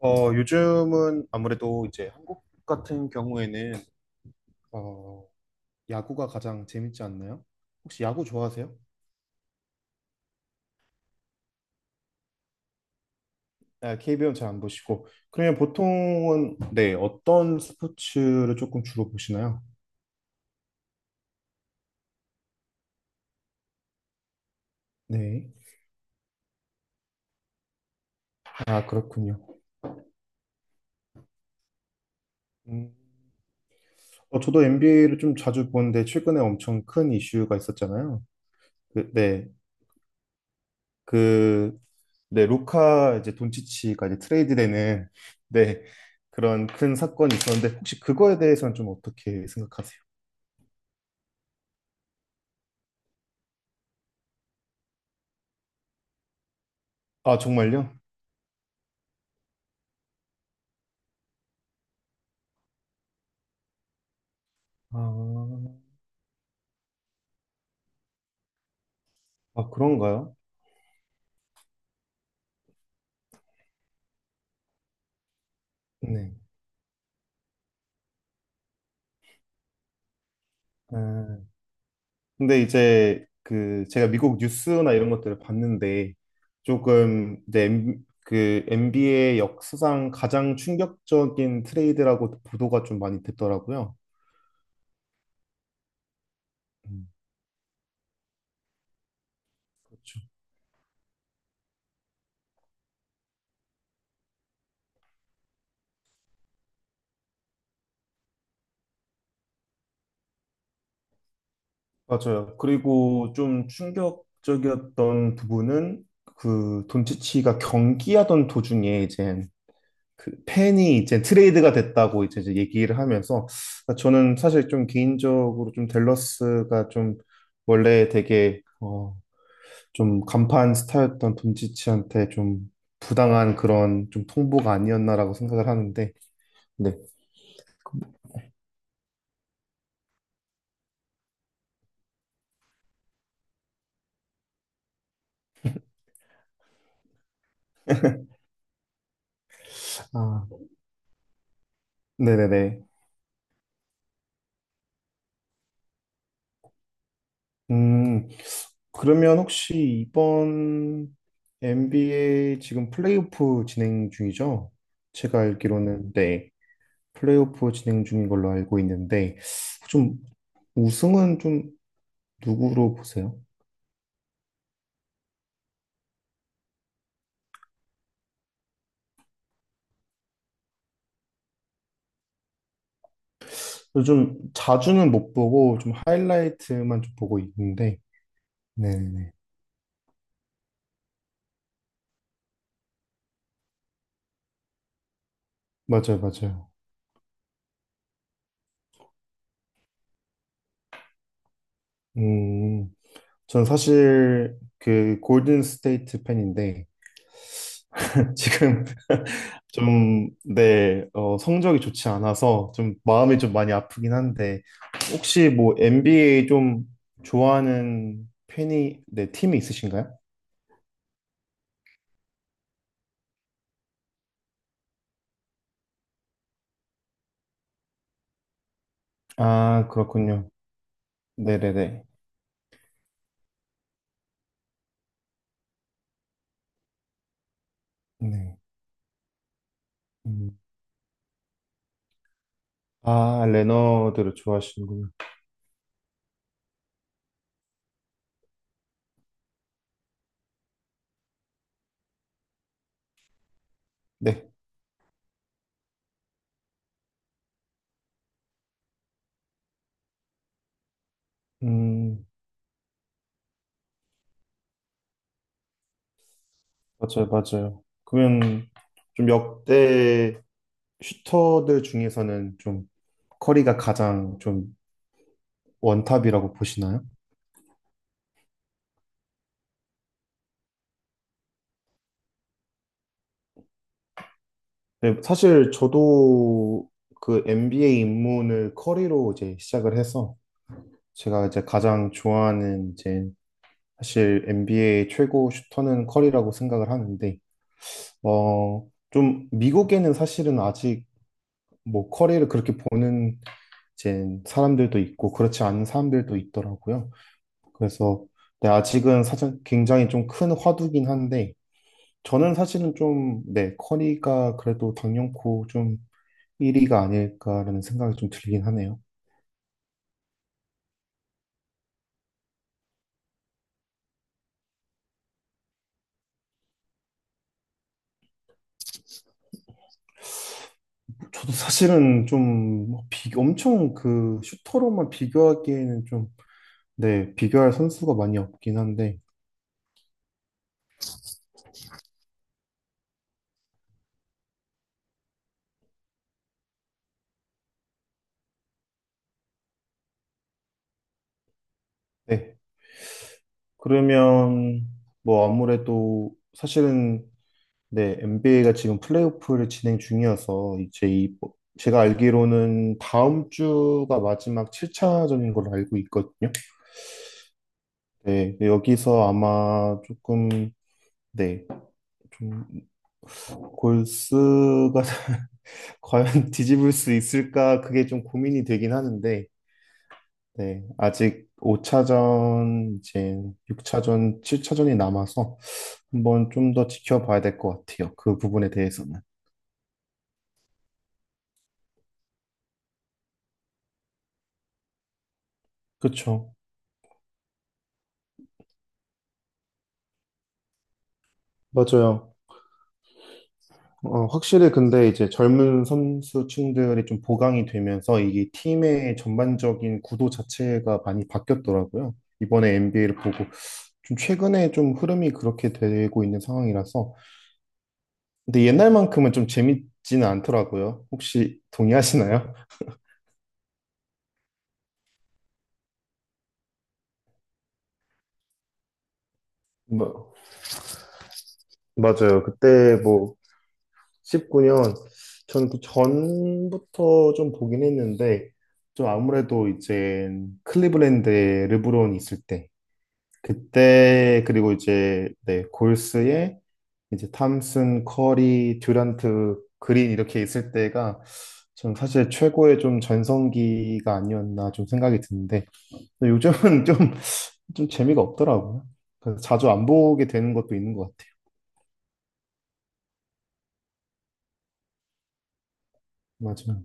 요즘은 아무래도 이제 한국 같은 경우에는 어, 야구가 가장 재밌지 않나요? 혹시 야구 좋아하세요? 아, KBO는 잘 안 보시고. 그러면 보통은 네, 어떤 스포츠를 조금 주로 보시나요? 네. 아, 그렇군요. 음, 저도 NBA를 좀 자주 보는데 최근에 엄청 큰 이슈가 있었잖아요. 네. 그, 네, 루카 이제 돈치치가 이제 트레이드되는 네, 그런 큰 사건이 있었는데 혹시 그거에 대해서는 좀 어떻게 생각하세요? 아, 정말요? 아, 아 그런가요? 네. 아, 근데 이제 그 제가 미국 뉴스나 이런 것들을 봤는데 조금 이제 그 NBA 역사상 가장 충격적인 트레이드라고 보도가 좀 많이 됐더라고요. 음, 그렇죠. 맞아요. 그리고 좀 충격적이었던 부분은 그 돈치치가 경기하던 도중에 이제 그 팬이 이제 트레이드가 됐다고 이제 얘기를 하면서 아, 저는 사실 좀 개인적으로 좀 댈러스가 좀 원래 되게 좀 간판 스타였던 돈치치한테 좀 부당한 그런 좀 통보가 아니었나라고 생각을 하는데 네. 아, 네네네. 음, 그러면 혹시 이번 NBA 지금 플레이오프 진행 중이죠? 제가 알기로는 네, 플레이오프 진행 중인 걸로 알고 있는데 좀 우승은 좀 누구로 보세요? 요즘 자주는 못 보고 좀 하이라이트만 좀 보고 있는데 네네네 맞아요 맞아요 음, 전 사실 그 골든 스테이트 팬인데 지금 좀, 네, 성적이 좋지 않아서 좀 마음이 좀 많이 아프긴 한데, 혹시 뭐 NBA 좀 좋아하는 팬이, 네, 팀이 있으신가요? 아, 그렇군요. 네네네. 네. 음. 아, 레너드를 좋아하시는군요. 네. 음, 맞아요, 맞아요. 그러면 좀 역대 슈터들 중에서는 좀 커리가 가장 좀 원탑이라고 보시나요? 네, 사실 저도 그 NBA 입문을 커리로 이제 시작을 해서 제가 이제 가장 좋아하는 이제 사실 NBA 최고 슈터는 커리라고 생각을 하는데 좀 미국에는 사실은 아직 뭐 커리를 그렇게 보는 이제 사람들도 있고 그렇지 않은 사람들도 있더라고요. 그래서 네, 아직은 사실 굉장히 좀 큰 화두긴 한데 저는 사실은 좀 네, 커리가 그래도 당연코 좀 1위가 아닐까라는 생각이 좀 들긴 하네요. 저도 사실은 좀 엄청 그 슈터로만 비교하기에는 좀, 네, 비교할 선수가 많이 없긴 한데, 네. 그러면 뭐 아무래도 사실은 네, NBA가 지금 플레이오프를 진행 중이어서 이제 이 뭐, 제가 알기로는 다음 주가 마지막 7차전인 걸로 알고 있거든요. 네, 여기서 아마 조금 네, 좀 골스가 과연 뒤집을 수 있을까? 그게 좀 고민이 되긴 하는데, 네, 아직 5차전, 이제 6차전, 7차전이 남아서 한번 좀 더 지켜봐야 될 것 같아요. 그 부분에 대해서는. 그쵸. 맞아요. 확실히 근데 이제 젊은 선수층들이 좀 보강이 되면서 이게 팀의 전반적인 구도 자체가 많이 바뀌었더라고요. 이번에 NBA를 보고 좀 최근에 좀 흐름이 그렇게 되고 있는 상황이라서 근데 옛날만큼은 좀 재밌지는 않더라고요. 혹시 동의하시나요? 뭐, 맞아요. 그때 뭐 19년 저는 그 전부터 좀 보긴 했는데 좀 아무래도 이제 클리블랜드에 르브론 있을 때 그때 그리고 이제 네 골스에 이제 탐슨, 커리, 듀란트, 그린 이렇게 있을 때가 전 사실 최고의 좀 전성기가 아니었나 좀 생각이 드는데 근데 요즘은 좀 재미가 없더라고요. 그래서 자주 안 보게 되는 것도 있는 것 같아요. 맞아요.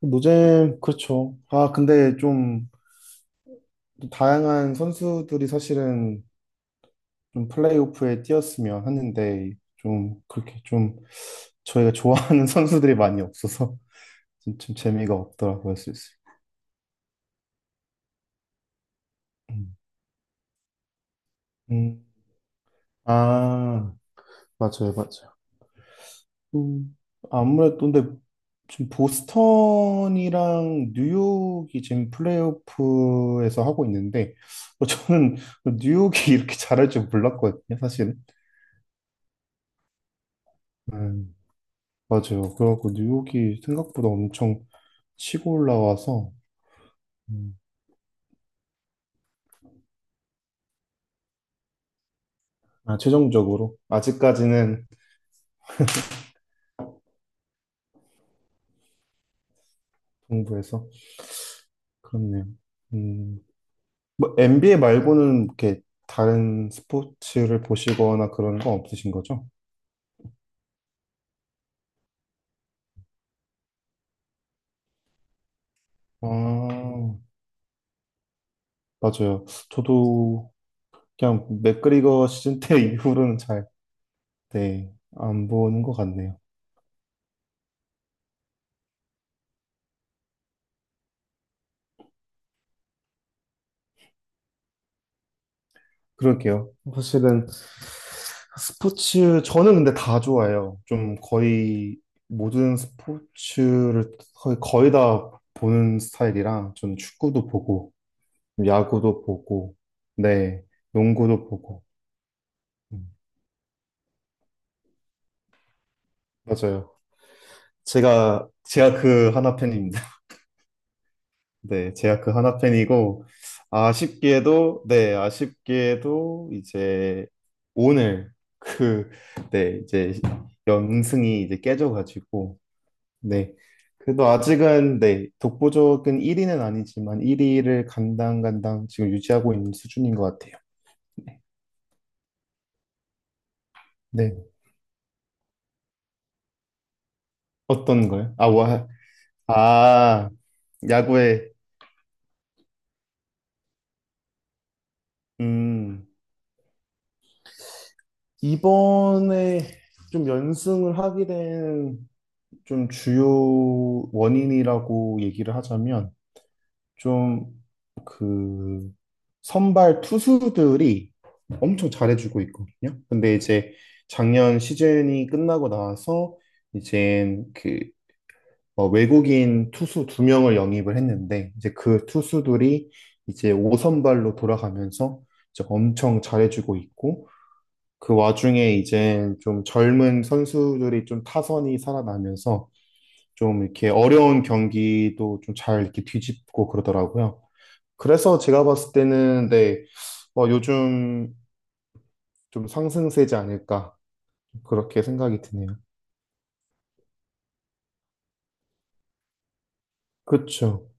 노잼, 그렇죠. 아, 근데 좀 다양한 선수들이 사실은 좀 플레이오프에 뛰었으면 하는데 좀 그렇게 좀 저희가 좋아하는 선수들이 많이 없어서 좀 재미가 없더라고요, 슬슬. 음. 음. 아, 맞아요, 맞아요. 음, 아무래도 근데 지금 보스턴이랑 뉴욕이 지금 플레이오프에서 하고 있는데 저는 그 뉴욕이 이렇게 잘할 줄 몰랐거든요, 사실은. 음, 맞아요. 그래갖고 뉴욕이 생각보다 엄청 치고 올라와서 음, 아, 최종적으로 아직까지는 동부에서 그렇네요. 음, 뭐 NBA 말고는 이렇게 다른 스포츠를 보시거나 그런 거 없으신 거죠? 아, 맞아요. 저도 그냥 맥그리거 시즌 때 이후로는 잘, 네, 안 보는 것 같네요. 그럴게요. 사실은 스포츠, 저는 근데 다 좋아요 좀 거의 모든 스포츠를 거의 다 보는 스타일이라 전 축구도 보고, 야구도 보고, 네, 농구도 보고. 음, 맞아요. 제가 그 하나 팬입니다. 네, 제가 그 하나 팬이고, 아쉽게도, 네, 아쉽게도 이제 오늘 그, 네, 이제 연승이 이제 깨져가지고, 네. 그래도 아직은, 네, 독보적인 1위는 아니지만 1위를 간당간당 지금 유지하고 있는 수준인 것 같아요. 네. 네. 어떤 거요? 아, 와, 아, 야구에, 음, 이번에 좀 연승을 하게 된 좀 주요 원인이라고 얘기를 하자면 좀 그 선발 투수들이 엄청 잘해주고 있거든요. 근데 이제 작년 시즌이 끝나고 나서 이제 그 외국인 투수 두 명을 영입을 했는데 이제 그 투수들이 이제 5선발로 돌아가면서 이제 엄청 잘해주고 있고 그 와중에 이제 좀 젊은 선수들이 좀 타선이 살아나면서 좀 이렇게 어려운 경기도 좀 잘 이렇게 뒤집고 그러더라고요. 그래서 제가 봤을 때는 네, 요즘 좀 상승세지 않을까 그렇게 생각이 드네요. 그렇죠.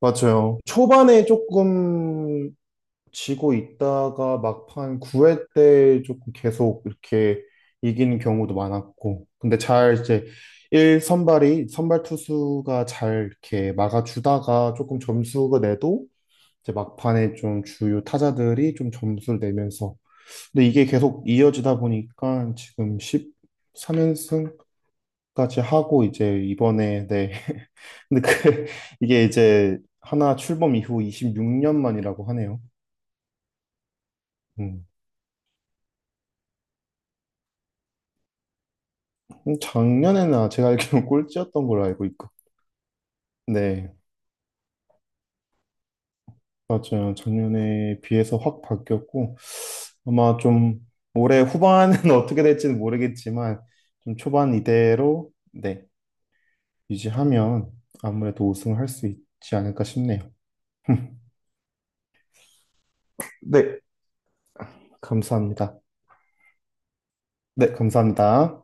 맞아요. 초반에 조금 지고 있다가 막판 9회 때 조금 계속 이렇게 이기는 경우도 많았고 근데 잘 이제 1선발이 선발 투수가 잘 이렇게 막아주다가 조금 점수가 내도 이제 막판에 좀 주요 타자들이 좀 점수를 내면서 근데 이게 계속 이어지다 보니까 지금 13연승까지 하고 이제 이번에 네 근데 그 이게 이제 하나 출범 이후 26년 만이라고 하네요. 음. 작년에나 제가 알기로는 꼴찌였던 걸로 알고 있고 네 맞아요. 작년에 비해서 확 바뀌었고 아마 좀 올해 후반은 어떻게 될지는 모르겠지만 좀 초반 이대로 네 유지하면 아무래도 우승을 할 수 있지 않을까 싶네요. 네, 감사합니다. 네, 감사합니다.